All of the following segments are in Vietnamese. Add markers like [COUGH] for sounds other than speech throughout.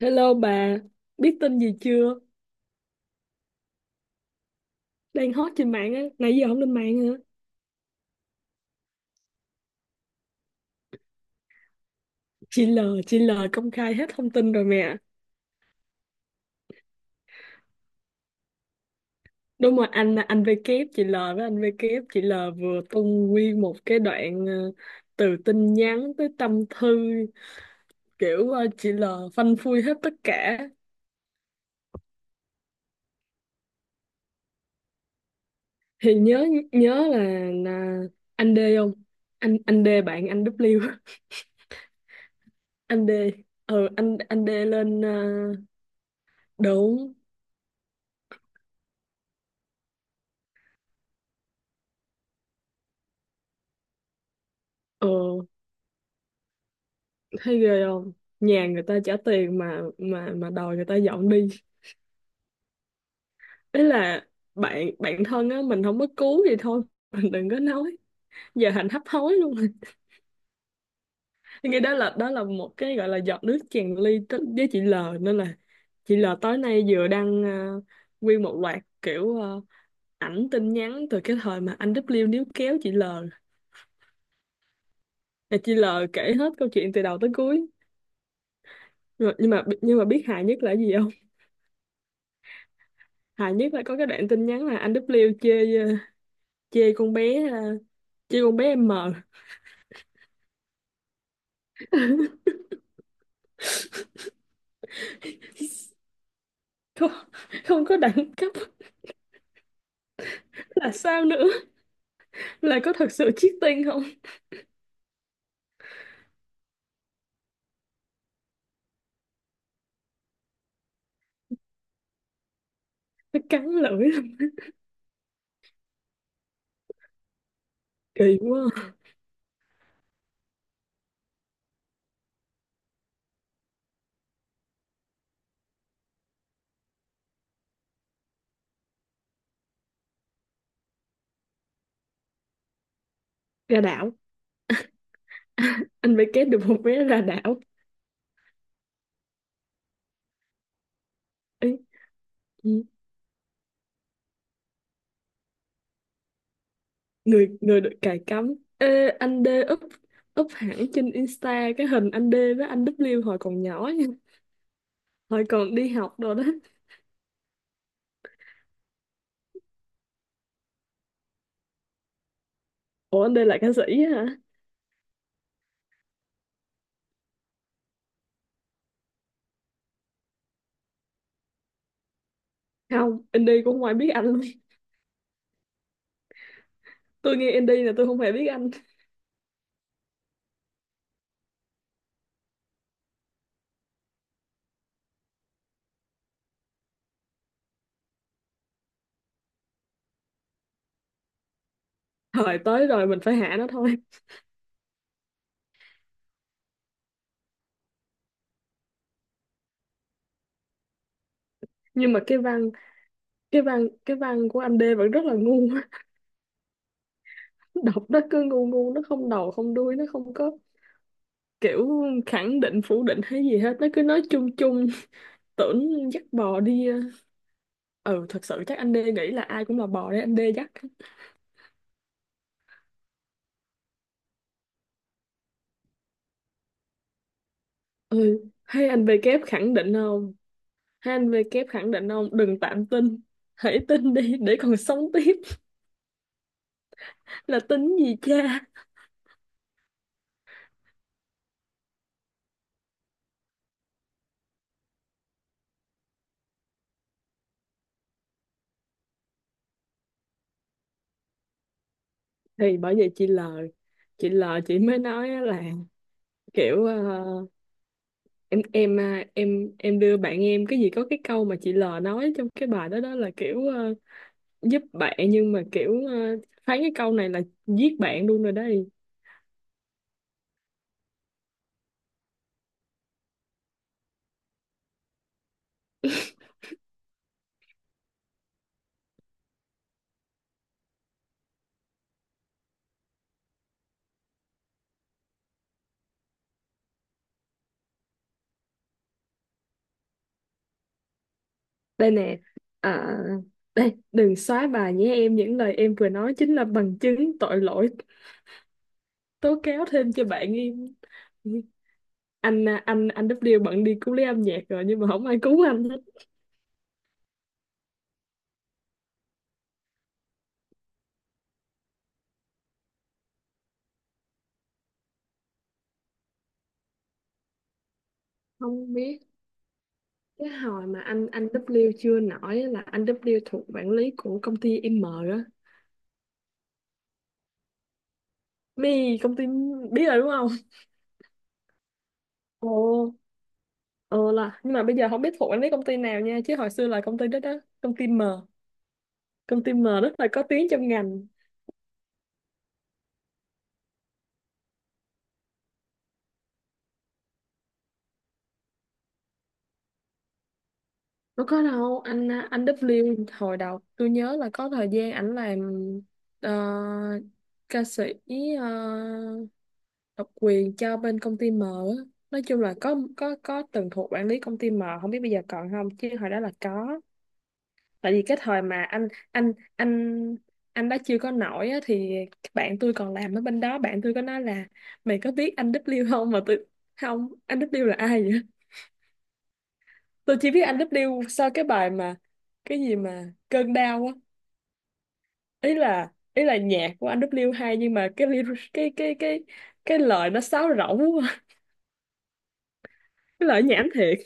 Hello bà, biết tin gì chưa? Đang hot trên mạng á, nãy giờ không lên mạng hả? Chị L, chị L công khai hết thông tin rồi mẹ. Đúng rồi, anh V kép, chị L với anh V kép, chị L vừa tung nguyên một cái đoạn từ tin nhắn tới tâm thư kiểu chị L phanh phui hết tất cả. Thì nhớ nhớ là anh D không? Anh D bạn anh W, [LAUGHS] anh D. Ừ anh D lên đúng. Ừ. Thấy ghê không? Nhà người ta trả tiền mà mà đòi người ta dọn đi. Ý là bạn bạn thân á, mình không có cứu gì thôi. [LAUGHS] Mình đừng có nói. Giờ thành hấp hối luôn. [LAUGHS] rồi. Cái đó là một cái gọi là giọt nước tràn ly tới- với chị L, nên là chị L tối nay vừa đăng nguyên một loạt kiểu ảnh tin nhắn từ cái thời mà anh W níu kéo chị L. Là chị L kể hết câu chuyện từ đầu tới cuối. Rồi, nhưng mà biết hài nhất là cái gì không? Hài nhất là có cái đoạn tin nhắn là anh W chê chê con bé ha, chê con bé M. Không, không có đẳng cấp là sao nữa, là có thật sự cheating không. Nó cắn lưỡi lắm. Kỳ quá à. Ra đảo. [LAUGHS] Anh phải kết được một vé ra đảo. Ê, ừ, người người được cài cắm. Ê, anh D up up hẳn trên Insta cái hình anh D với anh W hồi còn nhỏ nha, hồi còn đi học rồi đó. Ủa anh D là ca sĩ á hả? Không, anh D cũng không ai biết anh luôn. Tôi nghe anh D là tôi không hề biết anh. Thời tới rồi mình phải hạ nó thôi. Nhưng mà cái văn của anh D vẫn rất là ngu. [LAUGHS] Đọc nó cứ ngu ngu, nó không đầu không đuôi, nó không có kiểu khẳng định phủ định hay gì hết, nó cứ nói chung chung. [LAUGHS] Tưởng dắt bò đi ờ. Ừ thật sự chắc anh D nghĩ là ai cũng là bò đấy anh D dắt. Ừ, hay anh V kép khẳng định không, hay anh V kép khẳng định không, đừng tạm tin, hãy tin đi để còn sống tiếp. [LAUGHS] Là tin gì cha. Thì bởi vậy chị L, chị mới nói á là kiểu em à, em đưa bạn em cái gì có cái câu mà chị L nói trong cái bài đó đó là kiểu giúp bạn nhưng mà kiểu phán cái câu này là giết bạn luôn rồi đây. Đây nè. À, đây đừng xóa bài nhé em, những lời em vừa nói chính là bằng chứng tội lỗi tố cáo thêm cho bạn em. Anh à, anh W bận đi cứu lấy âm nhạc rồi nhưng mà không ai cứu anh hết. Không biết cái hồi mà anh W chưa nổi á là anh W thuộc quản lý của công ty M á. Mi công ty, biết rồi đúng không? Ồ, ờ là nhưng mà bây giờ không biết thuộc anh biết công ty nào nha, chứ hồi xưa là công ty đó đó, công ty M. Công ty M rất là có tiếng trong ngành. Nó có đâu, anh W hồi đầu tôi nhớ là có thời gian ảnh làm ờ, ca sĩ ờ, độc quyền cho bên công ty M á. Nói chung là có từng thuộc quản lý công ty M, không biết bây giờ còn không chứ hồi đó là có. Tại vì cái thời mà anh anh đã chưa có nổi á, thì bạn tôi còn làm ở bên đó, bạn tôi có nói là mày có biết anh W không mà tôi không, anh W là ai vậy. [LAUGHS] Tôi chỉ biết anh W sau cái bài mà cái gì mà cơn đau á. Ý là nhạc của anh W hay nhưng mà cái lyric- cái cái lời nó sáo rỗng quá. [LAUGHS] Cái lời nhảm thiệt.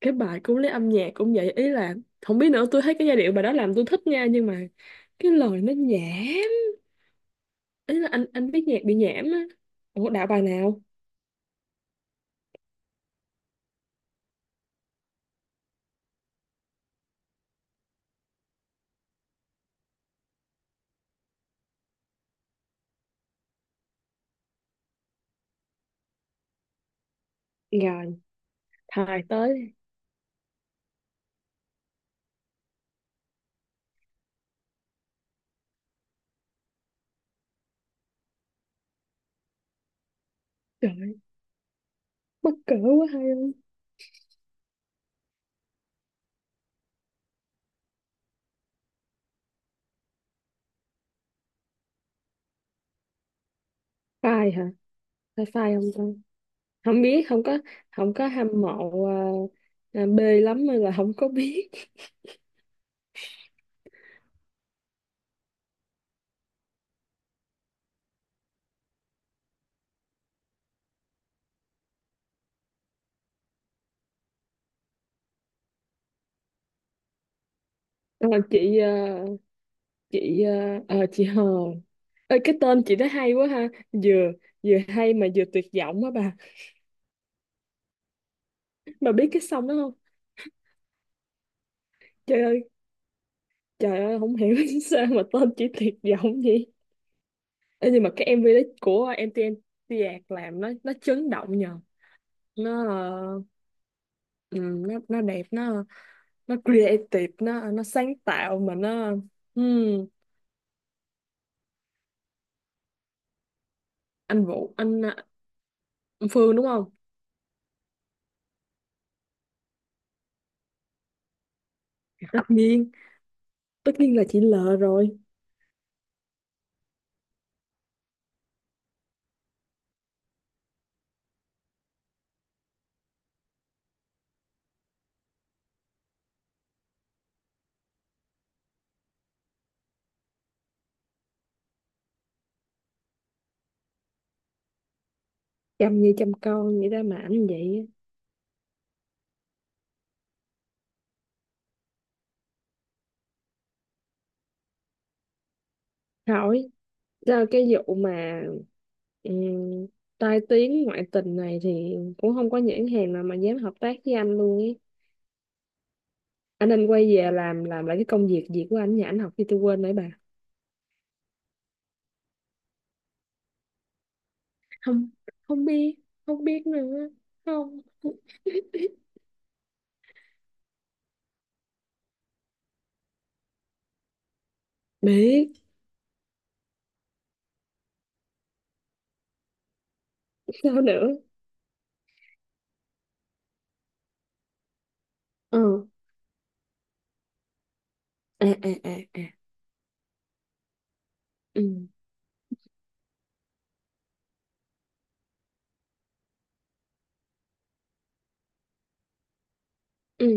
Cái bài cũng lấy âm nhạc cũng vậy, ý là không biết nữa, tôi thấy cái giai điệu bài đó làm tôi thích nha nhưng mà cái lời nó nhẹ, ý là anh biết nhạc bị nhảm á. Ủa đạo bài nào? Rồi thời tới. Trời ơi, mắc cỡ quá hay không. Phai hả? Phải phai không ta? Không biết, không có, không có hâm mộ à, à, B lắm nên là không có biết. [LAUGHS] Ờ, chị à, ờ, chị Hờ ơi, cái tên chị đó hay quá ha, vừa vừa hay mà vừa tuyệt vọng á bà. Bà biết cái song đó không? Trời ơi, trời ơi, không hiểu [LAUGHS] sao mà tên chị tuyệt vọng vậy. Ê, nhưng mà cái MV đó của MTNT. Nhạc làm nó chấn động nhờ, nó ừ, nó đẹp, nó creative, nó sáng tạo mà nó ừm, anh Vũ, anh, anh Phương đúng không. Tất nhiên, tất nhiên là chị L rồi. Chăm như chăm con vậy ra mà ảnh vậy á. Hỏi ra cái vụ mà ừm, tai tiếng ngoại tình này thì cũng không có nhãn hàng nào mà dám hợp tác với anh luôn ấy. Anh nên quay về làm lại cái công việc gì của anh, nhà anh học thì tôi quên nãy bà. Không, không biết, không biết nữa, không biết sao nữa. Ừ. À à à à. Ừ ừ.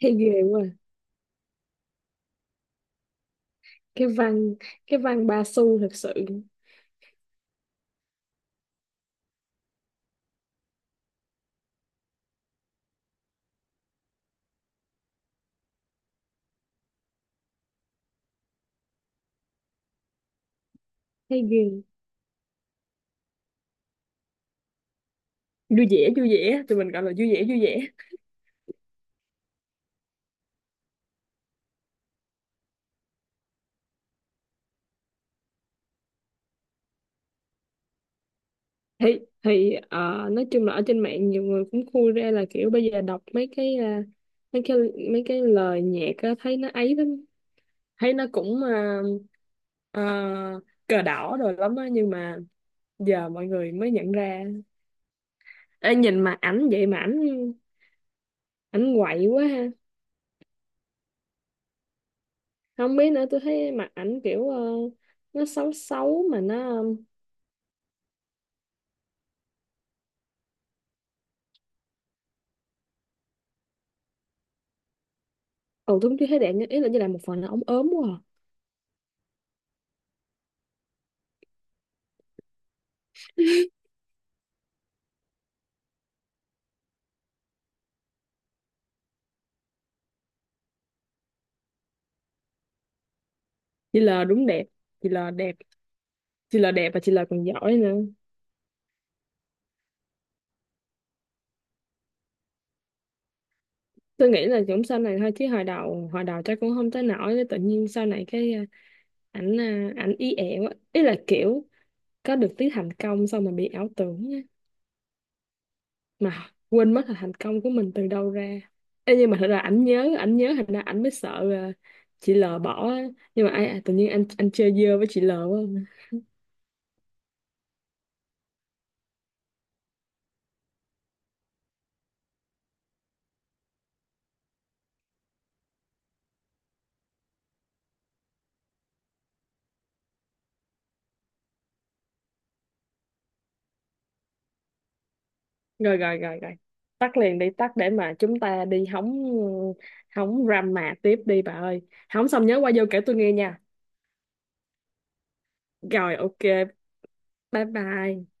Thấy ghê quá. Cái văn cái văn ba xu thật sự. Thấy ghê. Vui vẻ vui vẻ, tụi mình gọi là vui vẻ vui vẻ. Thì nói chung là ở trên mạng nhiều người cũng khui ra là kiểu bây giờ đọc mấy cái à, mấy cái mấy cái lời nhạc á, thấy nó ấy lắm. Thấy nó cũng ờ, cờ đỏ rồi lắm á, nhưng mà giờ mọi người mới nhận ra. Ê, nhìn mặt ảnh vậy mà ảnh ảnh quậy quá ha. Không biết nữa, tôi thấy mặt ảnh kiểu nó xấu xấu mà nó ừ, tôi cũng chưa thấy đẹp nhưng ý là như là một phần là ống ốm quá à. Chị L đúng đẹp. Chị L đẹp. Chị L đẹp và chị L còn giỏi nữa. Tôi nghĩ là cũng sau này thôi, chứ hồi đầu chắc cũng không tới nổi, tự nhiên sau này cái ảnh à, ảnh ý ẹ quá, ý là kiểu có được tí thành công xong mà bị ảo tưởng mà quên mất là thành công của mình từ đâu ra. Ê, nhưng mà thật ra ảnh nhớ thành ra ảnh mới sợ là chị L bỏ á. Nhưng mà ai, ai tự nhiên anh chơi dơ với chị L quá không? Rồi rồi, tắt liền đi, tắt để mà chúng ta đi hóng, hóng drama tiếp đi bà ơi. Hóng xong nhớ qua vô kể tôi nghe nha. Rồi ok, bye bye.